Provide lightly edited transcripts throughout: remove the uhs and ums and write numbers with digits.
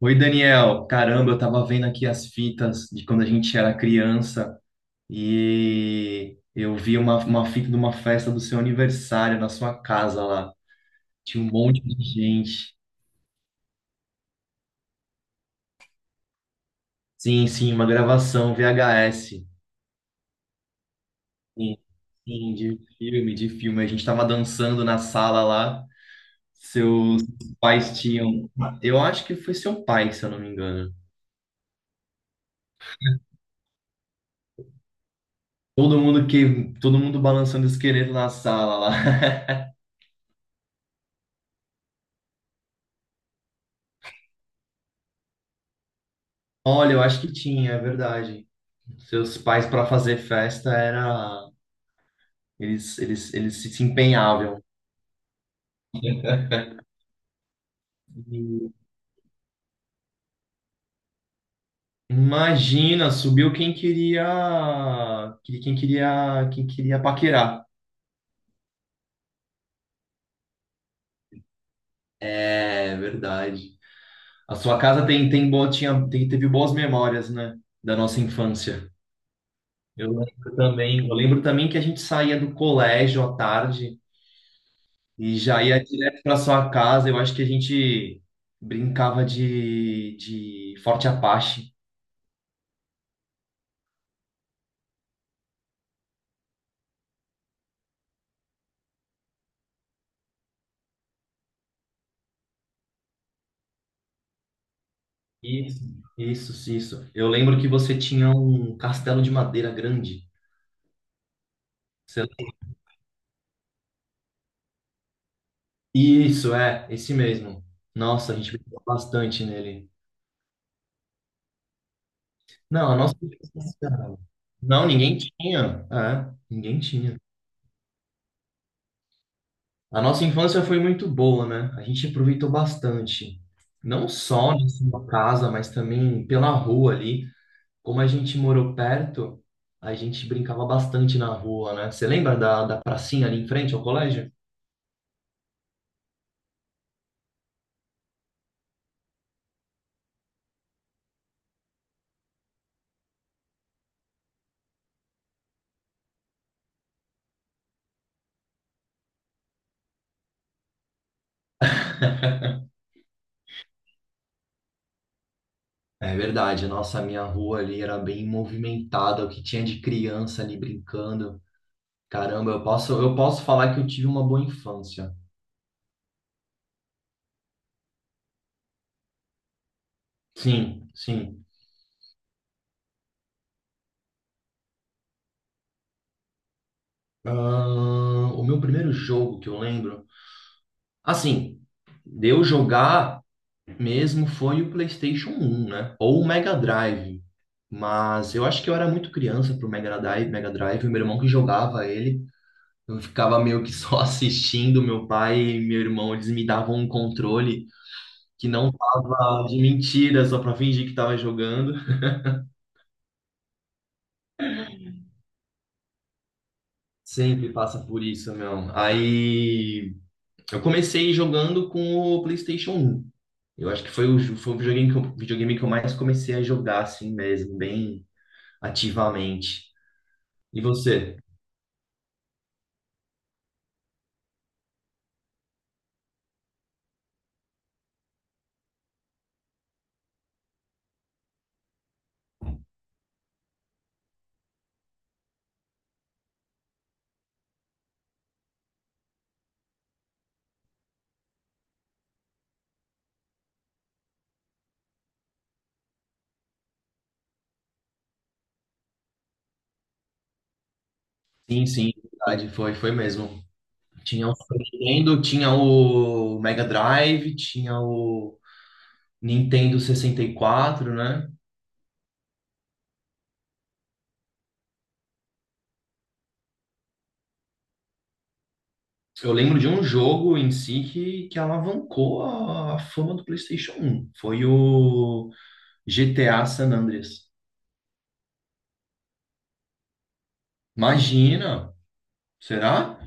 Oi, Daniel. Caramba, eu tava vendo aqui as fitas de quando a gente era criança e eu vi uma fita de uma festa do seu aniversário na sua casa lá. Tinha um monte de gente. Sim, sim, uma gravação VHS. Sim, sim, de filme. A gente tava dançando na sala lá. Seus pais tinham. Eu acho que foi seu pai, se eu não me engano. Todo mundo balançando esqueleto na sala lá. Olha, eu acho que tinha, é verdade. Seus pais para fazer festa era eles se empenhavam. E imagina, subiu quem queria quem queria paquerar. É verdade. A sua casa tem tem bo- tinha tem- teve boas memórias, né, da nossa infância. Eu lembro também que a gente saía do colégio à tarde e já ia direto para sua casa. Eu acho que a gente brincava de Forte Apache. Isso, isso, isso. Eu lembro que você tinha um castelo de madeira grande. Você- Isso, é, esse mesmo. Nossa, a gente brincou bastante nele. Não, a nossa infância- Não, ninguém tinha. É, ninguém tinha. A nossa infância foi muito boa, né? A gente aproveitou bastante. Não só na sua casa, mas também pela rua ali. Como a gente morou perto, a gente brincava bastante na rua, né? Você lembra da pracinha ali em frente ao colégio? É verdade, nossa, a minha rua ali era bem movimentada, o que tinha de criança ali brincando. Caramba, eu posso falar que eu tive uma boa infância. Sim, sim. O meu primeiro jogo que eu lembro, assim, de eu jogar mesmo foi o PlayStation 1, né? Ou o Mega Drive. Mas eu acho que eu era muito criança pro Mega Drive, o meu irmão que jogava ele. Eu ficava meio que só assistindo, meu pai e meu irmão, eles me davam um controle que não tava de mentira, só pra fingir que tava jogando. Sempre passa por isso, meu. Aí eu comecei jogando com o PlayStation um. Eu acho que foi foi o videogame que videogame que eu mais comecei a jogar assim mesmo, bem ativamente. E você? Sim, sim, verdade, foi, foi mesmo. Tinha o Super Nintendo, tinha o Mega Drive, tinha o Nintendo 64, né? Eu lembro de um jogo em si que alavancou a fama do PlayStation um. Foi o GTA San Andreas. Imagina! Será?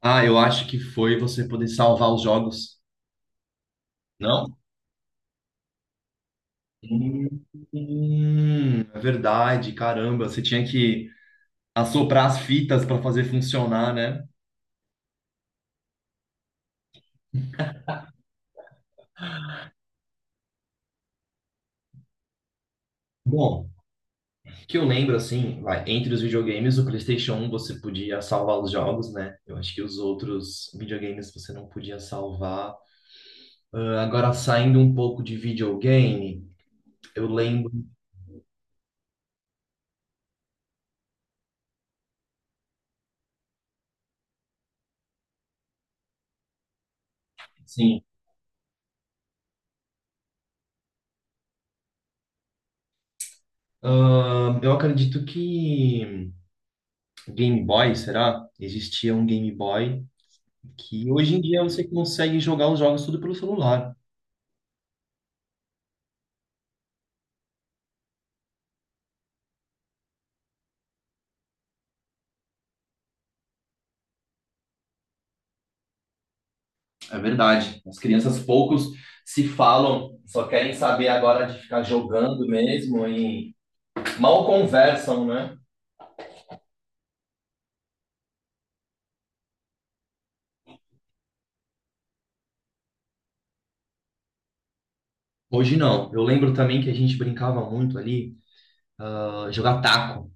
Ah, eu acho que foi você poder salvar os jogos. Não? É verdade, caramba. Você tinha que assoprar as fitas para fazer funcionar, né? Bom, que eu lembro assim, vai, entre os videogames, o PlayStation um você podia salvar os jogos, né? Eu acho que os outros videogames você não podia salvar. Ah, agora, saindo um pouco de videogame, eu lembro. Sim. Eu acredito que Game Boy, será? Existia um Game Boy que hoje em dia você consegue jogar os jogos tudo pelo celular. É verdade. As crianças poucos se falam, só querem saber agora de ficar jogando mesmo e mal conversam, né? Hoje não. Eu lembro também que a gente brincava muito ali, ah, jogar taco.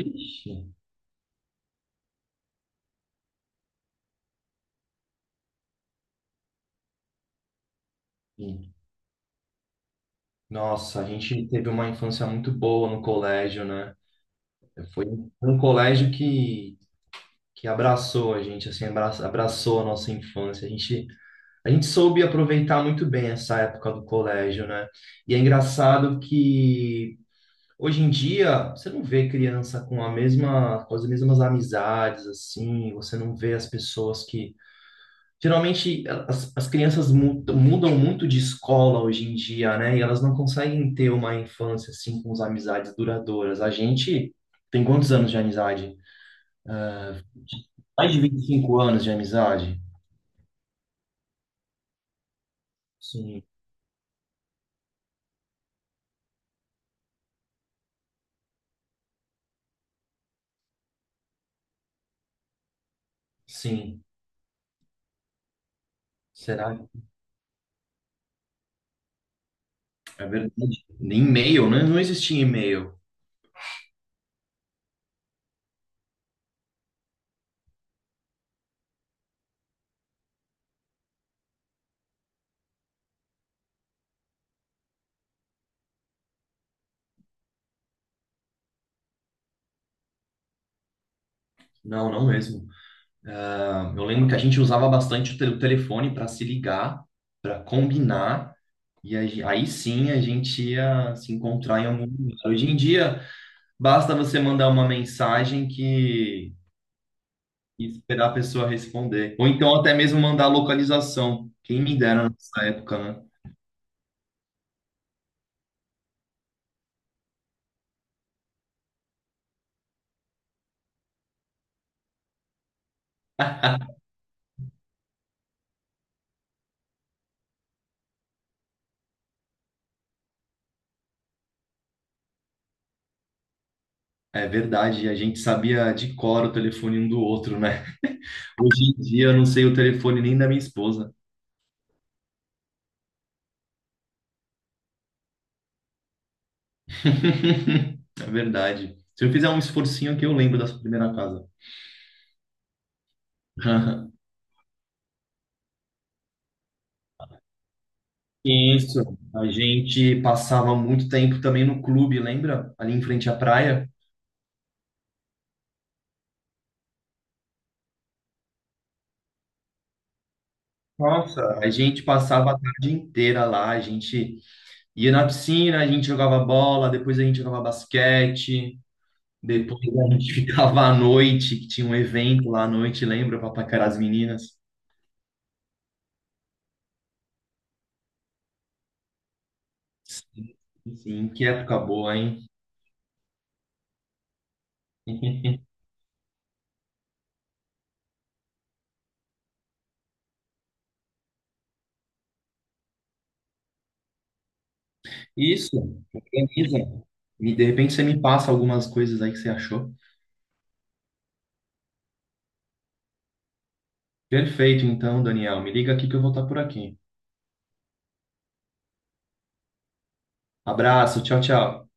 Ixi. Nossa, a gente teve uma infância muito boa no colégio, né? Foi um colégio que abraçou a nossa infância. A gente soube aproveitar muito bem essa época do colégio, né? E é engraçado que hoje em dia você não vê criança com as mesmas amizades, assim, você não vê as pessoas que... Geralmente as crianças mudam muito de escola hoje em dia, né? E elas não conseguem ter uma infância assim com as amizades duradouras. A gente tem quantos anos de amizade? Mais de 25 anos de amizade? Sim, sim. Será? Que é verdade. Nem e-mail, né? Não existia e-mail. Não, não mesmo. Ah, eu lembro que a gente usava bastante o telefone para se ligar, para combinar, e a aí sim a gente ia se encontrar em algum lugar. Hoje em dia. Basta você mandar uma mensagem que... e esperar a pessoa responder. Ou então até mesmo mandar a localização. Quem me dera nessa época, né? É verdade, a gente sabia de cor o telefone um do outro, né? Hoje em dia eu não sei o telefone nem da minha esposa. É verdade. Se eu fizer um esforcinho aqui, eu lembro da sua primeira casa. Isso. A gente passava muito tempo também no clube, lembra? Ali em frente à praia. Nossa. A gente passava a tarde inteira lá. A gente ia na piscina, a gente jogava bola, depois a gente jogava basquete, depois a gente ficava à noite, que tinha um evento lá à noite, lembra, para paquerar as meninas? Sim, que época boa, hein? Isso, organiza. E de repente você me passa algumas coisas aí que você achou. Perfeito, então, Daniel, me liga aqui que eu vou estar por aqui. Abraço, tchau, tchau.